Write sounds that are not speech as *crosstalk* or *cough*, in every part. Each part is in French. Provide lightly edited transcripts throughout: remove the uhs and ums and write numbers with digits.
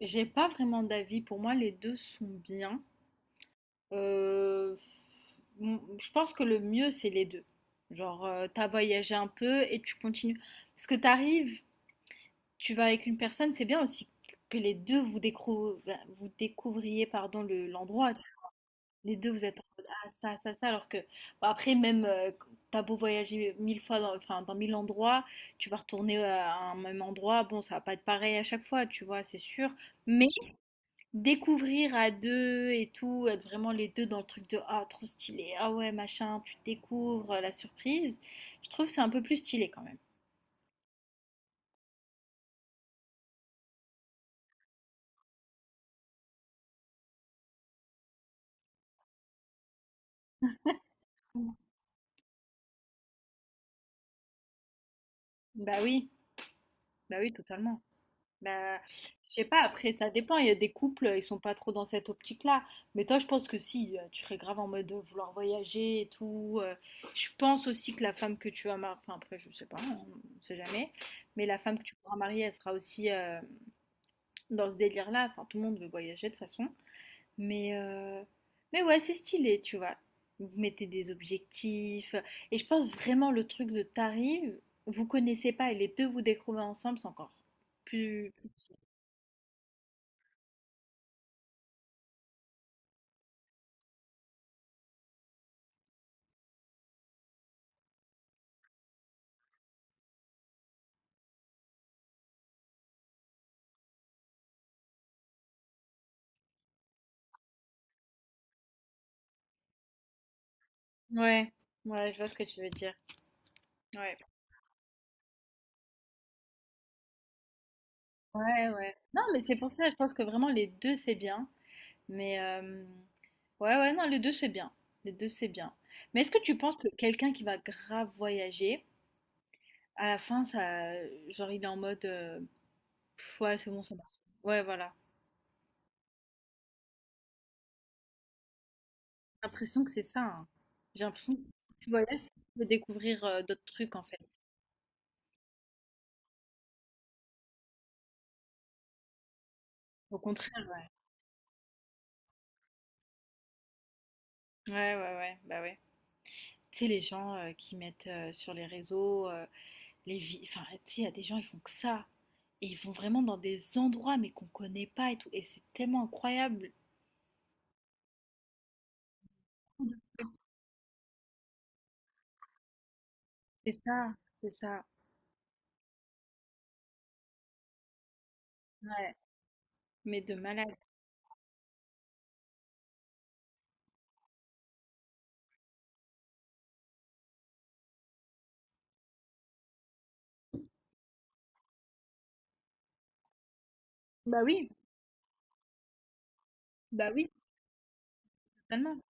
J'ai pas vraiment d'avis. Pour moi, les deux sont bien. Euh, je pense que le mieux, c'est les deux. Genre, t'as voyagé un peu et tu continues. Parce que t'arrives, tu vas avec une personne, c'est bien aussi que les deux vous, vous découvriez pardon, l'endroit. Les deux, vous êtes en mode, ah, ça, ça, ça. Alors que, bon, après, même, t'as beau voyager mille fois, dans, enfin, dans mille endroits, tu vas retourner à un même endroit. Bon, ça va pas être pareil à chaque fois, tu vois, c'est sûr. Mais découvrir à deux et tout, être vraiment les deux dans le truc de ah trop stylé, ah ouais machin, tu découvres la surprise, je trouve que c'est un peu plus stylé quand même. Mm. Bah oui, bah oui totalement. Bah je sais pas, après ça dépend, il y a des couples, ils sont pas trop dans cette optique-là, mais toi je pense que si, tu serais grave en mode de vouloir voyager et tout. Je pense aussi que la femme que tu vas marier, enfin après je sais pas, on sait jamais, mais la femme que tu pourras marier, elle sera aussi dans ce délire-là, enfin tout le monde veut voyager de toute façon. Mais, euh, mais ouais, c'est stylé, tu vois. Vous mettez des objectifs. Et je pense vraiment le truc de t'arrives, vous connaissez pas et les deux vous découvrez ensemble, c'est encore plus. Ouais, ouais, je vois ce que tu veux dire. Ouais, ouais, ouais. Non, mais c'est pour ça, je pense que vraiment les deux c'est bien. Mais ouais, ouais, non, les deux c'est bien. Les deux c'est bien. Mais est-ce que tu penses que quelqu'un qui va grave voyager, à la fin, ça, genre il est en mode, pff, ouais, c'est bon, ça marche. Ouais, voilà. J'ai l'impression que c'est ça, hein. J'ai l'impression que tu voyages, tu peux découvrir, d'autres trucs en fait. Au contraire, ouais. Ouais, ouais, ouais, bah, ouais. Tu sais, les gens, qui mettent, sur les réseaux, les vi enfin, tu sais, il y a des gens, ils font que ça et ils vont vraiment dans des endroits, mais qu'on connaît pas et tout et c'est tellement incroyable. C'est ça, c'est ça, ouais, mais de malade. Bah, oui, bah, oui, totalement.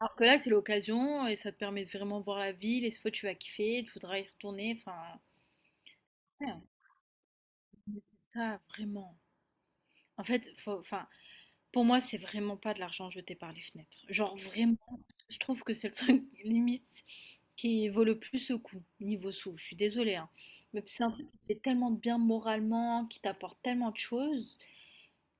Alors que là, c'est l'occasion et ça te permet de vraiment voir la ville et cette fois, tu vas kiffer, tu voudras y retourner, enfin, ouais, mais c'est ça, vraiment. En fait, enfin, pour moi, c'est vraiment pas de l'argent jeté par les fenêtres. Genre vraiment, je trouve que c'est le truc *laughs* limite qui vaut le plus au coup niveau sous. Je suis désolée, hein. Mais c'est un truc qui te fait tellement de bien moralement, qui t'apporte tellement de choses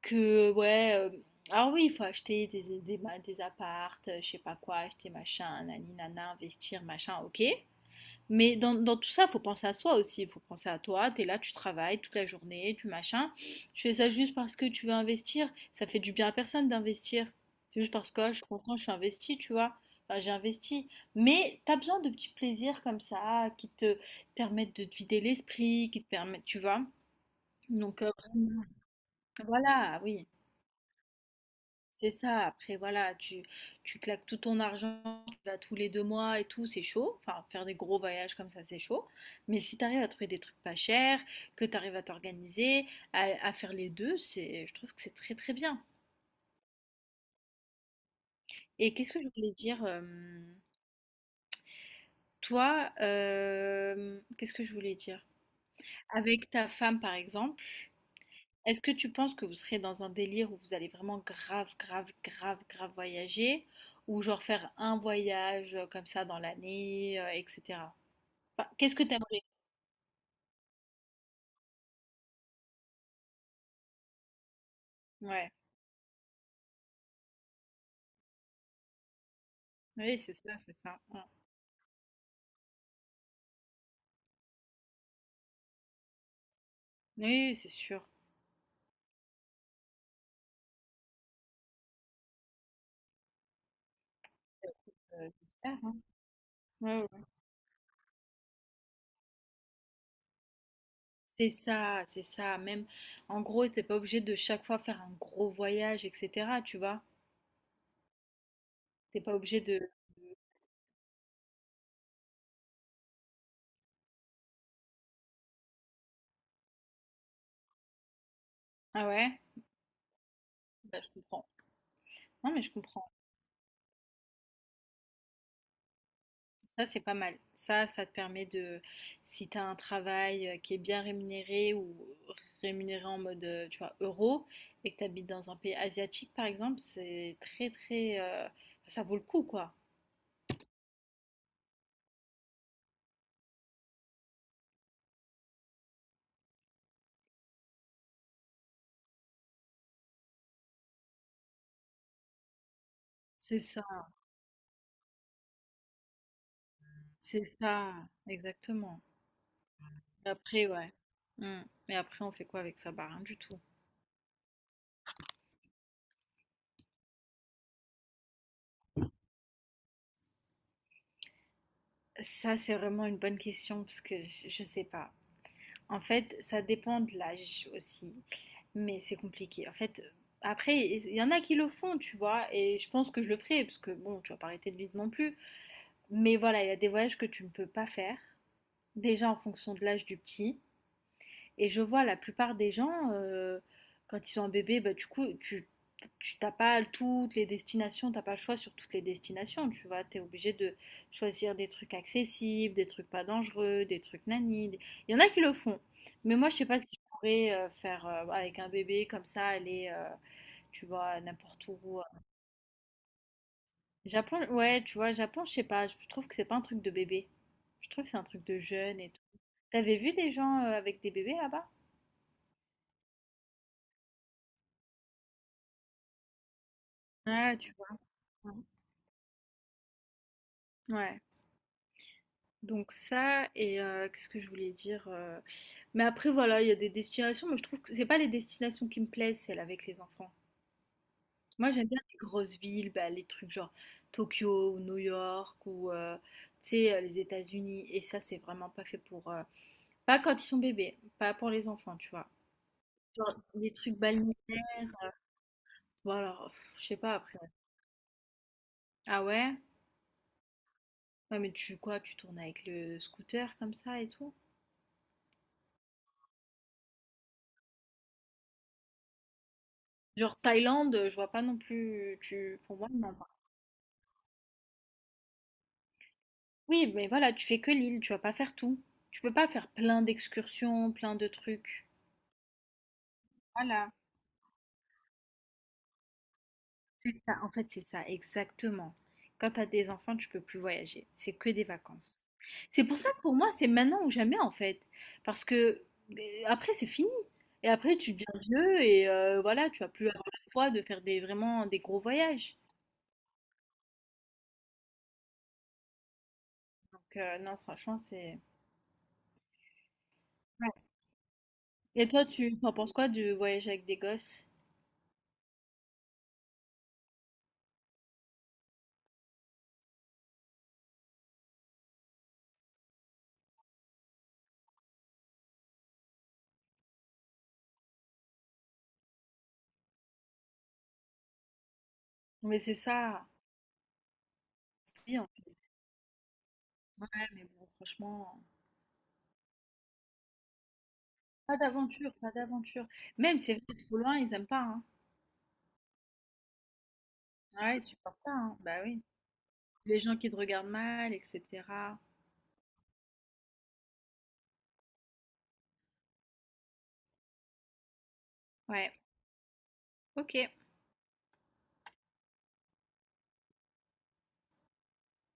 que ouais. Alors oui, il faut acheter des appartes, je sais pas quoi, acheter machin, nani nana, investir machin, ok. Mais dans tout ça, il faut penser à soi aussi. Il faut penser à toi. Tu es là, tu travailles toute la journée, tu machin. Tu fais ça juste parce que tu veux investir. Ça fait du bien à personne d'investir. C'est juste parce que ah, je suis content, je suis investi, tu vois. Enfin, j'ai investi. Mais tu as besoin de petits plaisirs comme ça qui te permettent de te vider l'esprit, qui te permettent, tu vois. Donc, voilà, oui. C'est ça, après voilà, tu claques tout ton argent, tu vas tous les 2 mois et tout, c'est chaud. Enfin, faire des gros voyages comme ça, c'est chaud. Mais si tu arrives à trouver des trucs pas chers, que tu arrives à t'organiser, à faire les deux, c'est, je trouve que c'est très très bien. Et qu'est-ce que je voulais dire, toi, qu'est-ce que je voulais dire? Avec ta femme, par exemple. Est-ce que tu penses que vous serez dans un délire où vous allez vraiment grave, grave, grave, grave voyager, ou genre faire un voyage comme ça dans l'année, etc. Enfin, qu'est-ce que t'aimerais? Ouais, oui, c'est ça, c'est ça. Ouais. Oui, c'est sûr. J'espère, hein. Ouais, ouais, ouais. C'est ça, c'est ça. Même, en gros, t'es pas obligé de chaque fois faire un gros voyage, etc. Tu vois? T'es pas obligé de. Ah ouais? Bah, je comprends. Non, mais je comprends. Ça, c'est pas mal. Ça te permet de, si tu as un travail qui est bien rémunéré ou rémunéré en mode, tu vois, euro, et que tu habites dans un pays asiatique, par exemple, c'est très, très, ça vaut le coup, quoi. C'est ça, c'est ça, exactement. Et après, ouais. Mm. Mais après, on fait quoi avec ça? Bah, rien du tout. Ça, c'est vraiment une bonne question parce que je sais pas. En fait, ça dépend de l'âge aussi, mais c'est compliqué. En fait, après, il y en a qui le font, tu vois, et je pense que je le ferai, parce que bon, tu vas pas arrêter de vivre non plus. Mais voilà, il y a des voyages que tu ne peux pas faire, déjà en fonction de l'âge du petit, et je vois la plupart des gens, quand ils sont un bébé, bah, du coup, tu, t'as pas toutes les destinations, t'as pas le choix sur toutes les destinations, tu vois. T'es obligé de choisir des trucs accessibles, des trucs pas dangereux, des trucs nani. Il y en a qui le font, mais moi, je sais pas ce que je pourrais faire avec un bébé comme ça, aller, tu vois, n'importe où. Japon, ouais, tu vois, Japon, je sais pas, je trouve que c'est pas un truc de bébé. Je trouve que c'est un truc de jeune et tout. T'avais vu des gens avec des bébés là-bas? Ouais, tu vois. Ouais. Donc ça, et qu'est-ce que je voulais dire Mais après, voilà, il y a des destinations, mais je trouve que c'est pas les destinations qui me plaisent, celles avec les enfants. Moi, j'aime bien les grosses villes, bah, les trucs genre Tokyo ou New York ou, tu sais, les États-Unis. Et ça, c'est vraiment pas fait pour, pas quand ils sont bébés, pas pour les enfants, tu vois. Genre, les trucs balnéaires. Bon, alors, pff, je sais pas après. Ah ouais? Ouais, mais tu quoi? Tu tournes avec le scooter comme ça et tout? Genre Thaïlande, je vois pas non plus. Tu, pour moi, non. Oui, mais voilà, tu fais que l'île, tu vas pas faire tout. Tu peux pas faire plein d'excursions, plein de trucs. Voilà. C'est ça, en fait, c'est ça, exactement. Quand tu as des enfants, tu peux plus voyager. C'est que des vacances. C'est pour ça que pour moi, c'est maintenant ou jamais, en fait. Parce que après, c'est fini. Et après, tu deviens vieux et voilà, tu vas plus avoir la foi de faire des, vraiment des gros voyages. Donc, non, franchement, c'est. Ouais. Et toi, tu en penses quoi du voyage avec des gosses? Mais c'est ça, oui, en fait. Ouais, mais bon, franchement. Pas d'aventure, pas d'aventure. Même, si c'est vrai, trop loin, ils aiment pas, hein. Ah ouais, ils supportent pas, hein. Bah oui. Les gens qui te regardent mal, etc. Ouais, ok.